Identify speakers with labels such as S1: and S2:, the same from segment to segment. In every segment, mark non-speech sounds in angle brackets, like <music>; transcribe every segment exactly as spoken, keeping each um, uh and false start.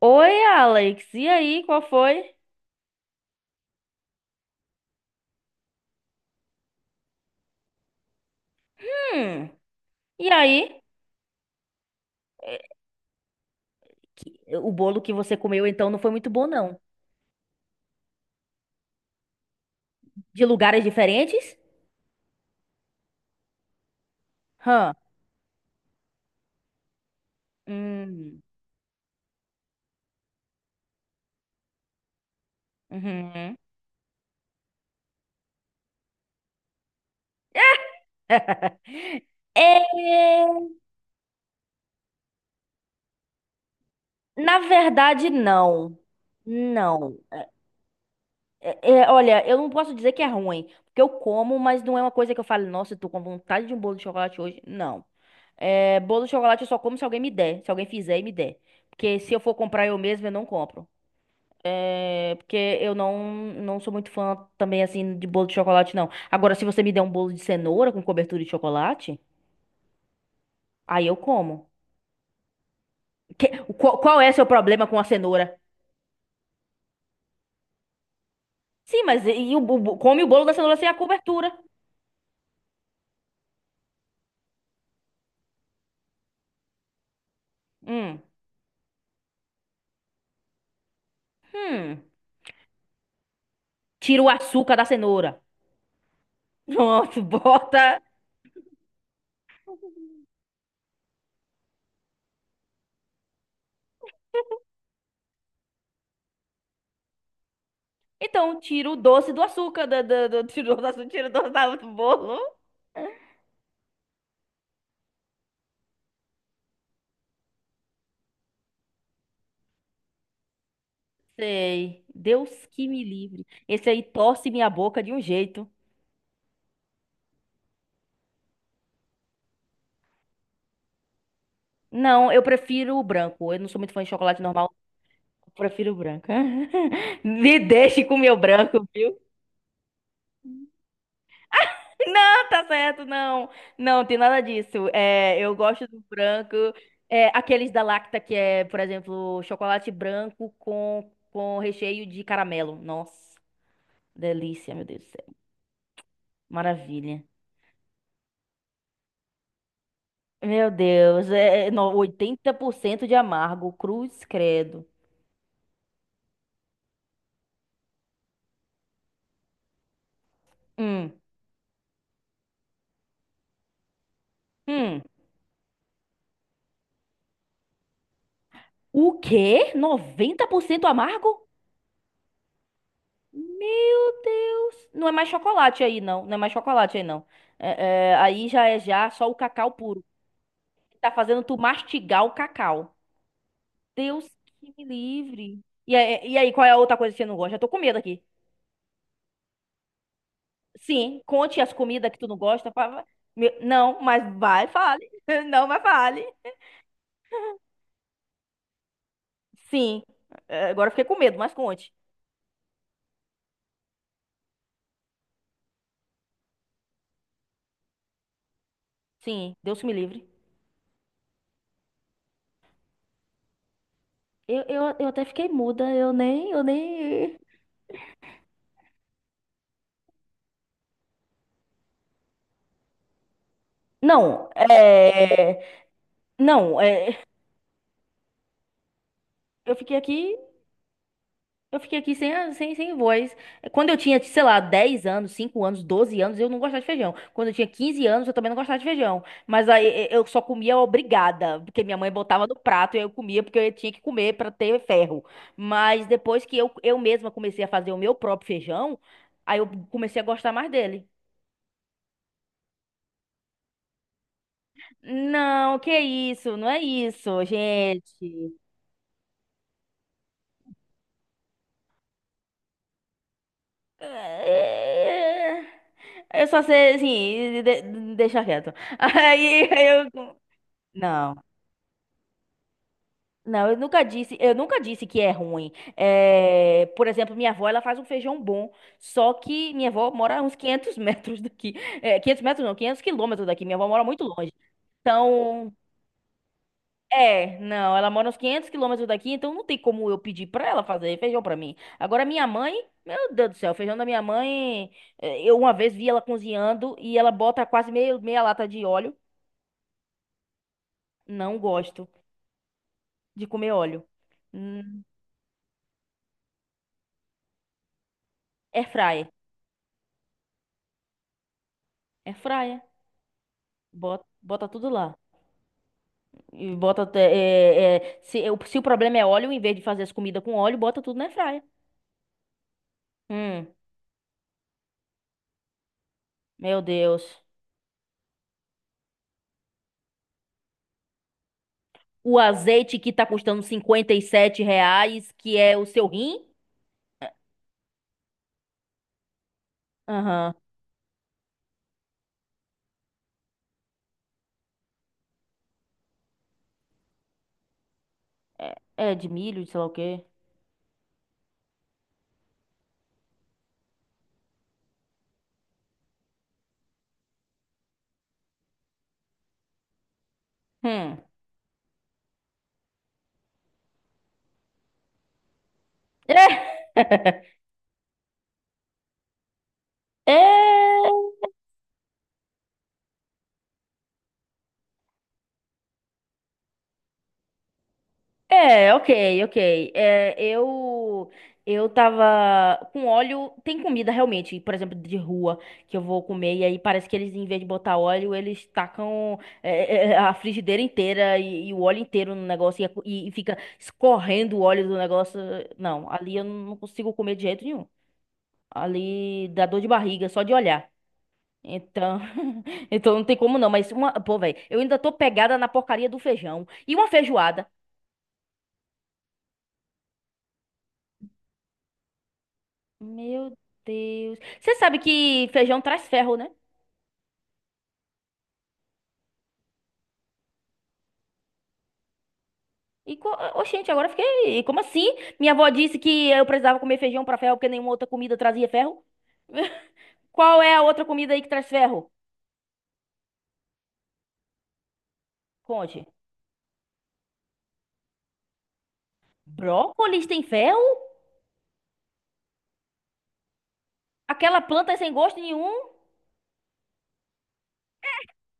S1: Oi, Alex. E aí, qual foi? Hum. E aí? É, Que- O bolo que você comeu então não foi muito bom, não. De lugares diferentes? Hã. Hum. Uhum. <laughs> É, na verdade, não. Não. É, é, olha, eu não posso dizer que é ruim, porque eu como, mas não é uma coisa que eu falo, nossa, eu tô com vontade de um bolo de chocolate hoje. Não. É, bolo de chocolate eu só como se alguém me der, se alguém fizer e me der. Porque se eu for comprar eu mesmo, eu não compro. É, porque eu não, não sou muito fã também, assim, de bolo de chocolate, não. Agora, se você me der um bolo de cenoura com cobertura de chocolate, aí eu como. Que- qual, qual é seu problema com a cenoura? Sim, mas e, e o, o- come o bolo da cenoura sem a cobertura. Hum, hum. Tira o açúcar da cenoura. Pronto, <laughs> bota. Então, tira o doce do açúcar. Da, da, da- tira o doce do açúcar, tira o doce da- do bolo. Sei. Deus que me livre. Esse aí torce minha boca de um jeito. Não, eu prefiro o branco. Eu não sou muito fã de chocolate normal. Eu prefiro o branco. <laughs> Me deixe com o meu branco, viu? Não, tá certo, não. Não, tem nada disso. É, eu gosto do branco. É, aqueles da Lacta, que é, por exemplo, chocolate branco com, com recheio de caramelo. Nossa, delícia, meu Deus do céu. Maravilha. Meu Deus, é, é, no- oitenta por cento de amargo. Cruz credo. Hum, hum. O quê? noventa por cento amargo? Meu Deus. Não é mais chocolate aí, não. Não é mais chocolate aí, não. É, é, aí já é já só o cacau puro. Tá fazendo tu mastigar o cacau. Deus que me livre. E, aí- e aí, qual é a outra coisa que você não gosta? Eu tô com medo aqui. Sim, conte as comidas que tu não gosta. fa- Me- Não, mas vai, fale. <laughs> Não, mas fale. Sim. É, Agora eu fiquei com medo, mas conte. Sim, Deus que me livre. Eu, eu, eu até fiquei muda, eu nem, eu nem. Não, é. Não, é, Eu fiquei aqui, eu fiquei aqui sem, a- sem, sem voz. Quando eu tinha, sei lá, dez anos, cinco anos, doze anos, eu não gostava de feijão. Quando eu tinha quinze anos, eu também não gostava de feijão. Mas aí e- eu só comia obrigada, porque minha mãe botava no prato e eu comia porque eu tinha que comer para ter ferro. Mas depois que eu, eu mesma comecei a fazer o meu próprio feijão, aí eu comecei a gostar mais dele. Não, que isso, não é isso, gente. É. é, é. Eu só sei, assim, de- de- deixa quieto. <laughs> Aí eu. Não, não, eu nunca disse, eu nunca disse que é ruim. É, por exemplo, minha avó, ela faz um feijão bom, só que minha avó mora uns quinhentos <laughs> metros daqui. É, quinhentos metros não, quinhentos quilômetros daqui. Minha avó mora muito longe. Então, é, não, ela mora uns quinhentos quilômetros daqui, então não tem como eu pedir pra ela fazer feijão pra mim. Agora, minha mãe, meu Deus do céu, o feijão da minha mãe, eh, eu uma vez vi ela cozinhando e ela bota quase meio, meia lata de óleo. Não gosto de comer óleo. Hum, air fryer. Air. Bota, bota tudo lá. E bota até- é, é, se, é, o- se o problema é óleo, em vez de fazer as comidas com óleo, bota tudo na air. Hum, meu Deus. O azeite que tá custando cinquenta e sete reais, que é o seu rim? Aham. É, é de milho, de sei lá o quê. Hum. <laughs> É. É, ok, ok. É, eu eu tava com óleo. Tem comida realmente, por exemplo, de rua que eu vou comer e aí parece que eles, em vez de botar óleo, eles tacam é, é, é, a frigideira inteira e, e o óleo inteiro no negócio e, a co- e- e fica escorrendo o óleo do negócio. Não, ali eu não consigo comer de jeito nenhum. Ali dá dor de barriga só de olhar. Então, <laughs> então não tem como não. Mas uma, pô, velho, eu ainda tô pegada na porcaria do feijão e uma feijoada. Meu Deus. Você sabe que feijão traz ferro, né? E, co- oxente, agora eu fiquei. Como assim? Minha avó disse que eu precisava comer feijão pra ferro porque nenhuma outra comida trazia ferro? <laughs> Qual é a outra comida aí que traz ferro? Conte. Brócolis tem ferro? Aquela planta é sem gosto nenhum?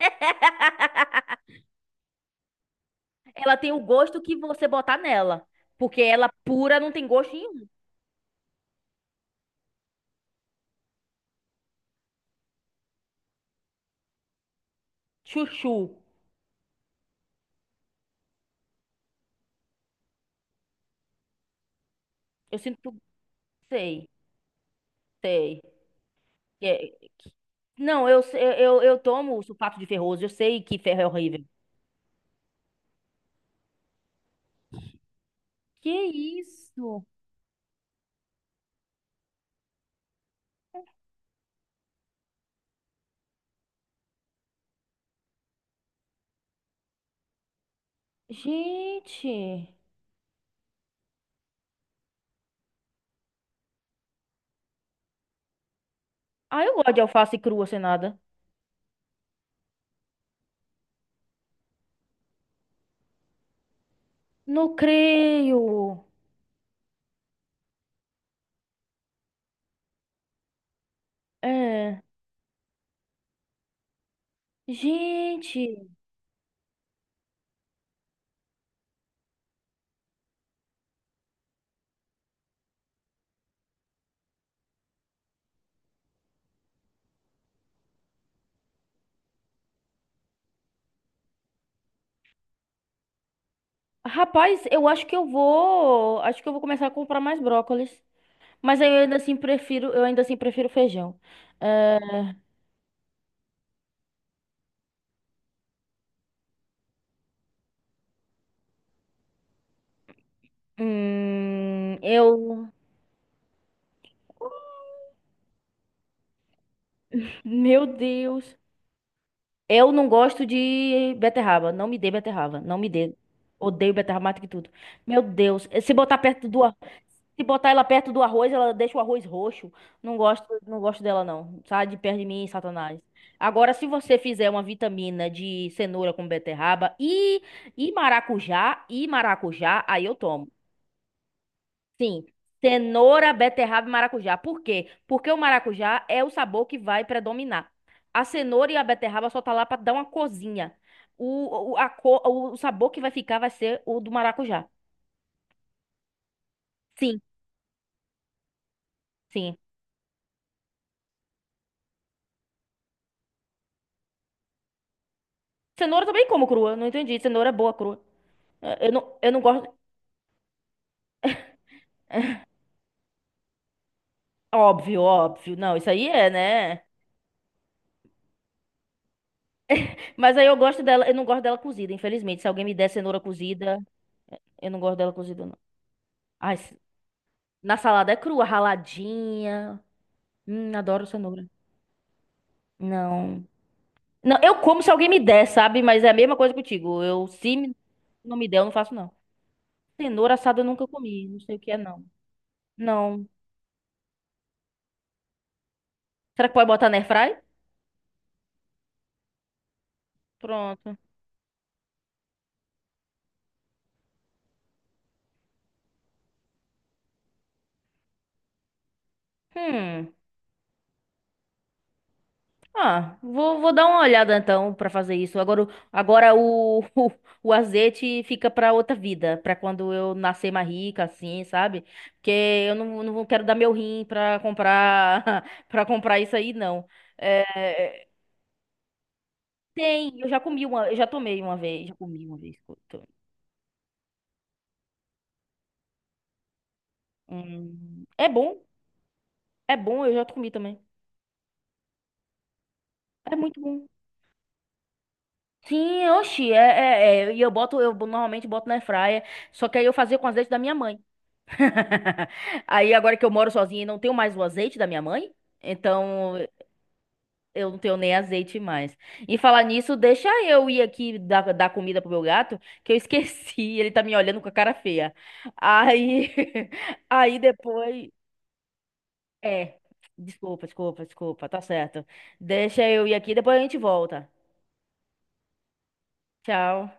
S1: <laughs> Ela tem o gosto que você botar nela. Porque ela pura não tem gosto nenhum. Chuchu. Eu sinto que. Sei, sei. É, Não, eu, eu, eu eu tomo sulfato de ferroso, eu sei que ferro é horrível. Que isso? Gente. Ah, eu gosto de alface crua sem nada. Não creio. É. Gente. Rapaz, eu acho que eu vou. Acho que eu vou começar a comprar mais brócolis. Mas aí eu ainda assim prefiro, eu ainda assim prefiro feijão. É, hum, eu. Meu Deus. Eu não gosto de beterraba. Não me dê beterraba. Não me dê. Odeio beterraba mais do que tudo. Meu Deus. Eh, Se botar perto do, ar- se botar ela perto do arroz, ela deixa o arroz roxo. Não gosto, não gosto dela, não. Sai de perto de mim, Satanás. Agora, se você fizer uma vitamina de cenoura com beterraba e, e maracujá, e maracujá, aí eu tomo. Sim, cenoura, beterraba e maracujá. Por quê? Porque o maracujá é o sabor que vai predominar. A cenoura e a beterraba só tá lá para dar uma cozinha. O, o, a cor, o sabor que vai ficar vai ser o do maracujá. Sim, sim. Cenoura eu também como crua, não entendi. Cenoura é boa crua. Eh, Eu não, eu não gosto. Óbvio, óbvio. Não, isso aí é, né? Mas aí eu gosto dela, eu não gosto dela cozida, infelizmente. Se alguém me der cenoura cozida, eu não gosto dela cozida, não. Ai, se- na salada é crua, raladinha. Hum, adoro cenoura. Não. Não, eu como se alguém me der, sabe? Mas é a mesma coisa contigo. Eu, se me- não me der, eu não faço, não. Cenoura assada eu nunca comi. Não sei o que é, não. Não. Será que pode botar na airfry? Pronto. Hum. Ah, vou, vou dar uma olhada então pra fazer isso. Agora, o- agora o, <laughs> o, o azeite fica pra outra vida, pra quando eu nascer mais rica, assim, sabe? Porque eu não, não quero dar meu rim pra comprar <laughs> para comprar isso aí, não. É, Tem, eu já comi uma, eu já tomei uma vez, já comi uma vez. escuta. Hum, é bom, é bom, eu já comi também. É muito bom. Sim, oxi, é, é, é, e eu boto, eu normalmente boto na airfryer, só que aí eu fazia com azeite da minha mãe. <laughs> Aí agora que eu moro sozinha e não tenho mais o azeite da minha mãe, então eu não tenho nem azeite mais. E falar nisso, deixa eu ir aqui dar, dar comida pro meu gato, que eu <laughs> esqueci, ele tá me olhando com a cara feia. Aí, <laughs> aí depois É. Desculpa, desculpa, desculpa. Tá certo. Deixa eu ir aqui, depois a gente volta. Tchau.